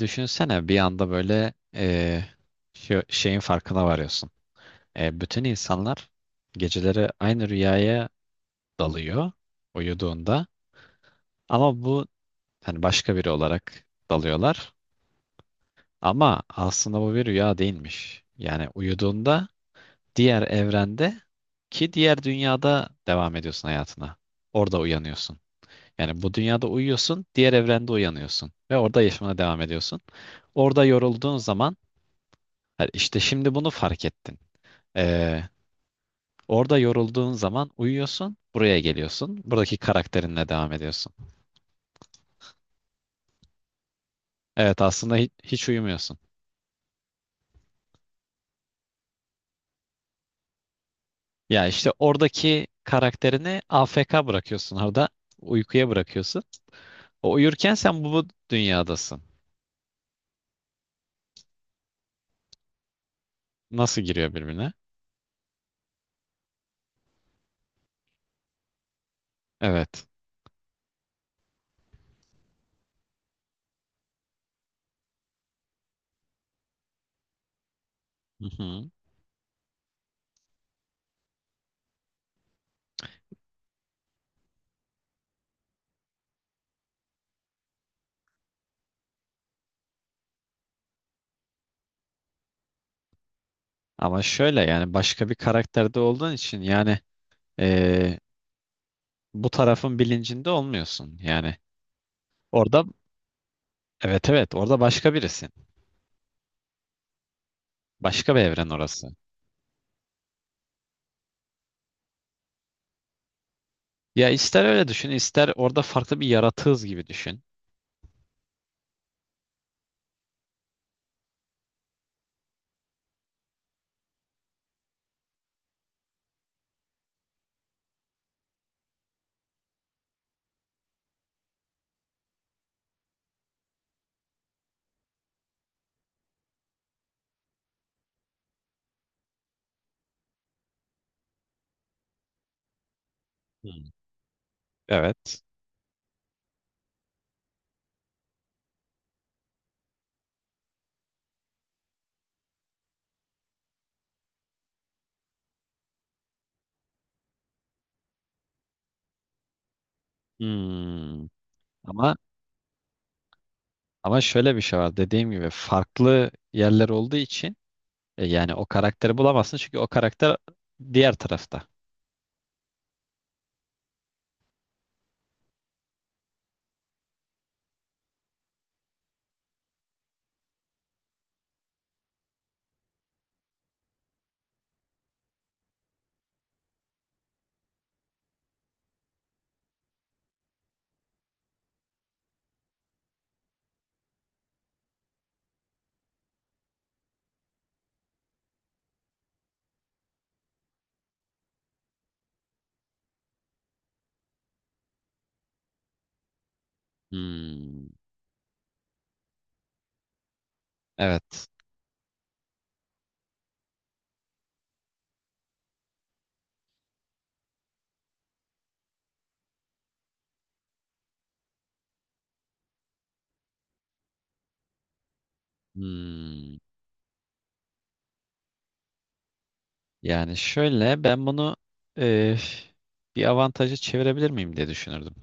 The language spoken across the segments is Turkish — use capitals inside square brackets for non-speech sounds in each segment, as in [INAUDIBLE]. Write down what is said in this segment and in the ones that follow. Düşünsene bir anda böyle şu şeyin farkına varıyorsun. Bütün insanlar geceleri aynı rüyaya dalıyor uyuduğunda, ama bu hani başka biri olarak dalıyorlar. Ama aslında bu bir rüya değilmiş. Yani uyuduğunda diğer evrende ki diğer dünyada devam ediyorsun hayatına. Orada uyanıyorsun. Yani bu dünyada uyuyorsun, diğer evrende uyanıyorsun ve orada yaşamına devam ediyorsun. Orada yorulduğun zaman ha, İşte şimdi bunu fark ettin. Ee, Orada yorulduğun zaman uyuyorsun, buraya geliyorsun. Buradaki karakterinle devam ediyorsun. Evet, aslında hiç uyumuyorsun. Ya işte oradaki karakterini AFK bırakıyorsun orada. Uykuya bırakıyorsun. O uyurken sen bu dünyadasın. Nasıl giriyor birbirine? Evet. Hı hı. Ama şöyle, yani başka bir karakterde olduğun için yani ee, bu tarafın bilincinde olmuyorsun. Yani orada, evet evet, orada başka birisin. Başka bir evren orası. Ya ister öyle düşün, ister orada farklı bir yaratığız gibi düşün. Hmm. Evet. Hmm. Ama ama şöyle bir şey var. Dediğim gibi farklı yerler olduğu için yani o karakteri bulamazsın, çünkü o karakter diğer tarafta. Hmm. Evet. Hmm. Yani şöyle, ben bunu e, bir avantaja çevirebilir miyim diye düşünürdüm.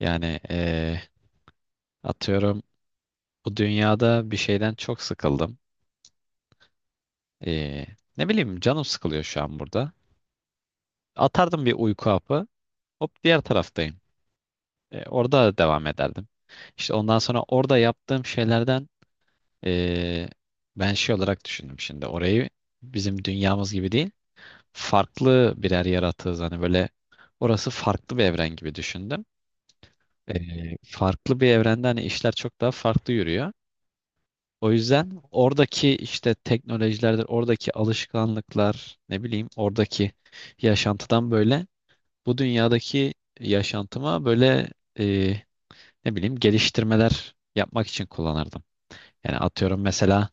Yani atıyorum, bu dünyada bir şeyden çok sıkıldım. Eee, Ne bileyim, canım sıkılıyor şu an burada. Atardım bir uyku hapı. Hop, diğer taraftayım. Orada devam ederdim. İşte ondan sonra orada yaptığım şeylerden eee, ben şey olarak düşündüm şimdi. Orayı bizim dünyamız gibi değil. Farklı birer yaratığız. Hani böyle, orası farklı bir evren gibi düşündüm. Farklı bir evrende hani işler çok daha farklı yürüyor. O yüzden oradaki işte teknolojilerdir, oradaki alışkanlıklar, ne bileyim, oradaki yaşantıdan böyle bu dünyadaki yaşantıma böyle e, ne bileyim, geliştirmeler yapmak için kullanırdım. Yani atıyorum, mesela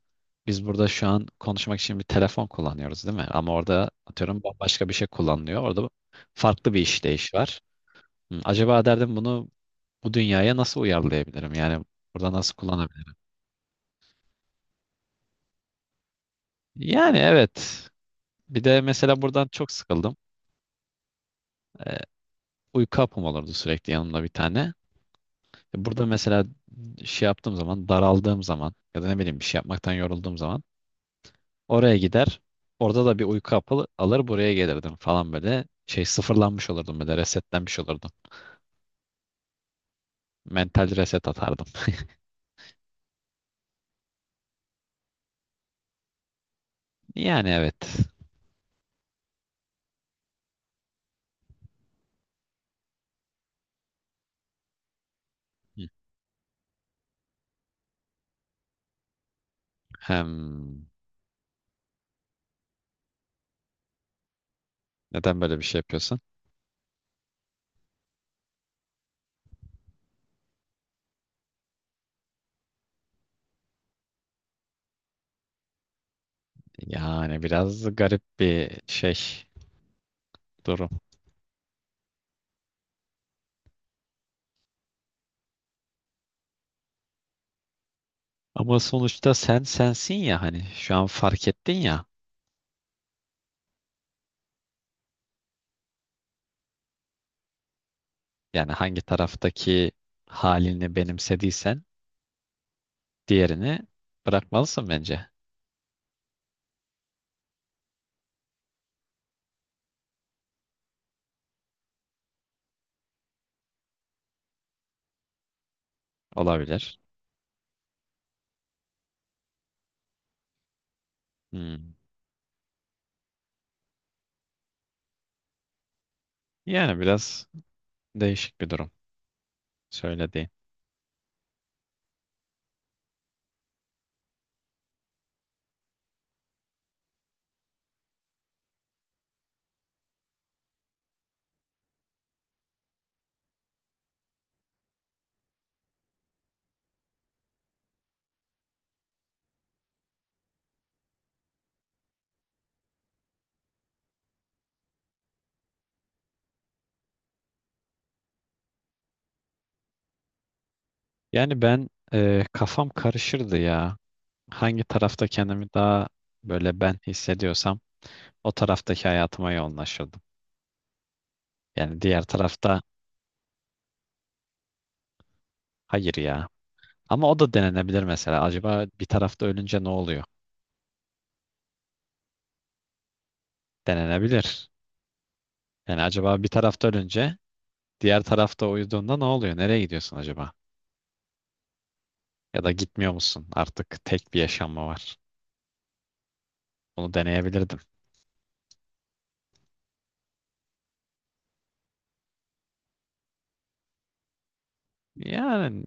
biz burada şu an konuşmak için bir telefon kullanıyoruz, değil mi? Ama orada atıyorum bambaşka bir şey kullanılıyor. Orada farklı bir işleyiş var. Hı, acaba derdim, bunu bu dünyaya nasıl uyarlayabilirim? Yani burada nasıl kullanabilirim? Yani evet. Bir de mesela buradan çok sıkıldım. Ee, Uyku hapım olurdu sürekli yanımda bir tane. E, burada mesela şey yaptığım zaman, daraldığım zaman ya da ne bileyim bir şey yapmaktan yorulduğum zaman oraya gider. Orada da bir uyku hapı alır buraya gelirdim falan böyle. Şey, sıfırlanmış olurdum, böyle resetlenmiş olurdum. Mental reset atardım. [LAUGHS] Yani evet. Hı. Hem neden böyle bir şey yapıyorsun? Yani biraz garip bir şey, durum. Ama sonuçta sen sensin ya, hani şu an fark ettin ya. Yani hangi taraftaki halini benimsediysen diğerini bırakmalısın bence. Olabilir. Hmm. Yani biraz değişik bir durum söylediğin. Yani ben, kafam karışırdı ya. Hangi tarafta kendimi daha böyle ben hissediyorsam o taraftaki hayatıma yoğunlaşırdım. Yani diğer tarafta, hayır ya. Ama o da denenebilir mesela. Acaba bir tarafta ölünce ne oluyor? Denenebilir. Yani acaba bir tarafta ölünce diğer tarafta uyuduğunda ne oluyor? Nereye gidiyorsun acaba? Ya da gitmiyor musun? Artık tek bir yaşam mı var? Bunu deneyebilirdim. Yani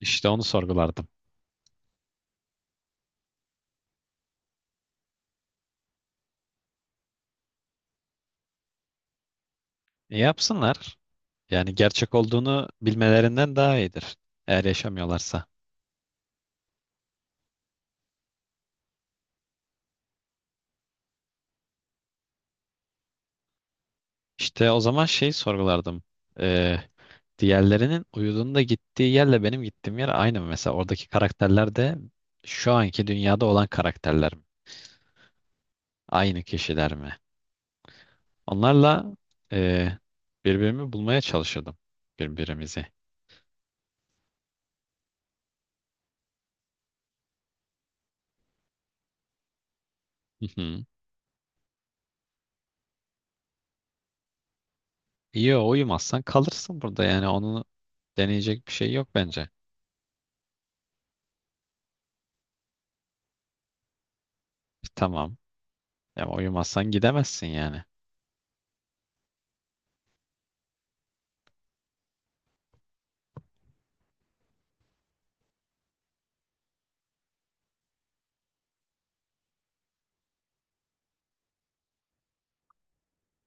işte onu sorgulardım. E, yapsınlar. Yani gerçek olduğunu bilmelerinden daha iyidir. Eğer yaşamıyorlarsa. İşte o zaman şey sorgulardım. E, Diğerlerinin uyuduğunda gittiği yerle benim gittiğim yer aynı mı? Mesela oradaki karakterler de şu anki dünyada olan karakterler mi? Aynı kişiler mi? Onlarla e, birbirimi bulmaya çalışırdım. Birbirimizi. [LAUGHS] Yo, uyumazsan kalırsın burada, yani onu deneyecek bir şey yok bence. E, tamam. Ya uyumazsan gidemezsin yani.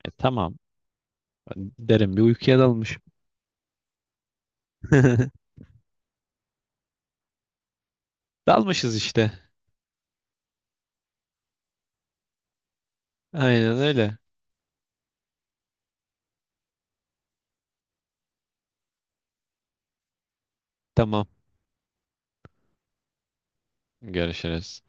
E tamam. Derin bir uykuya dalmış. [LAUGHS] Dalmışız işte. Aynen öyle. Tamam. Görüşürüz.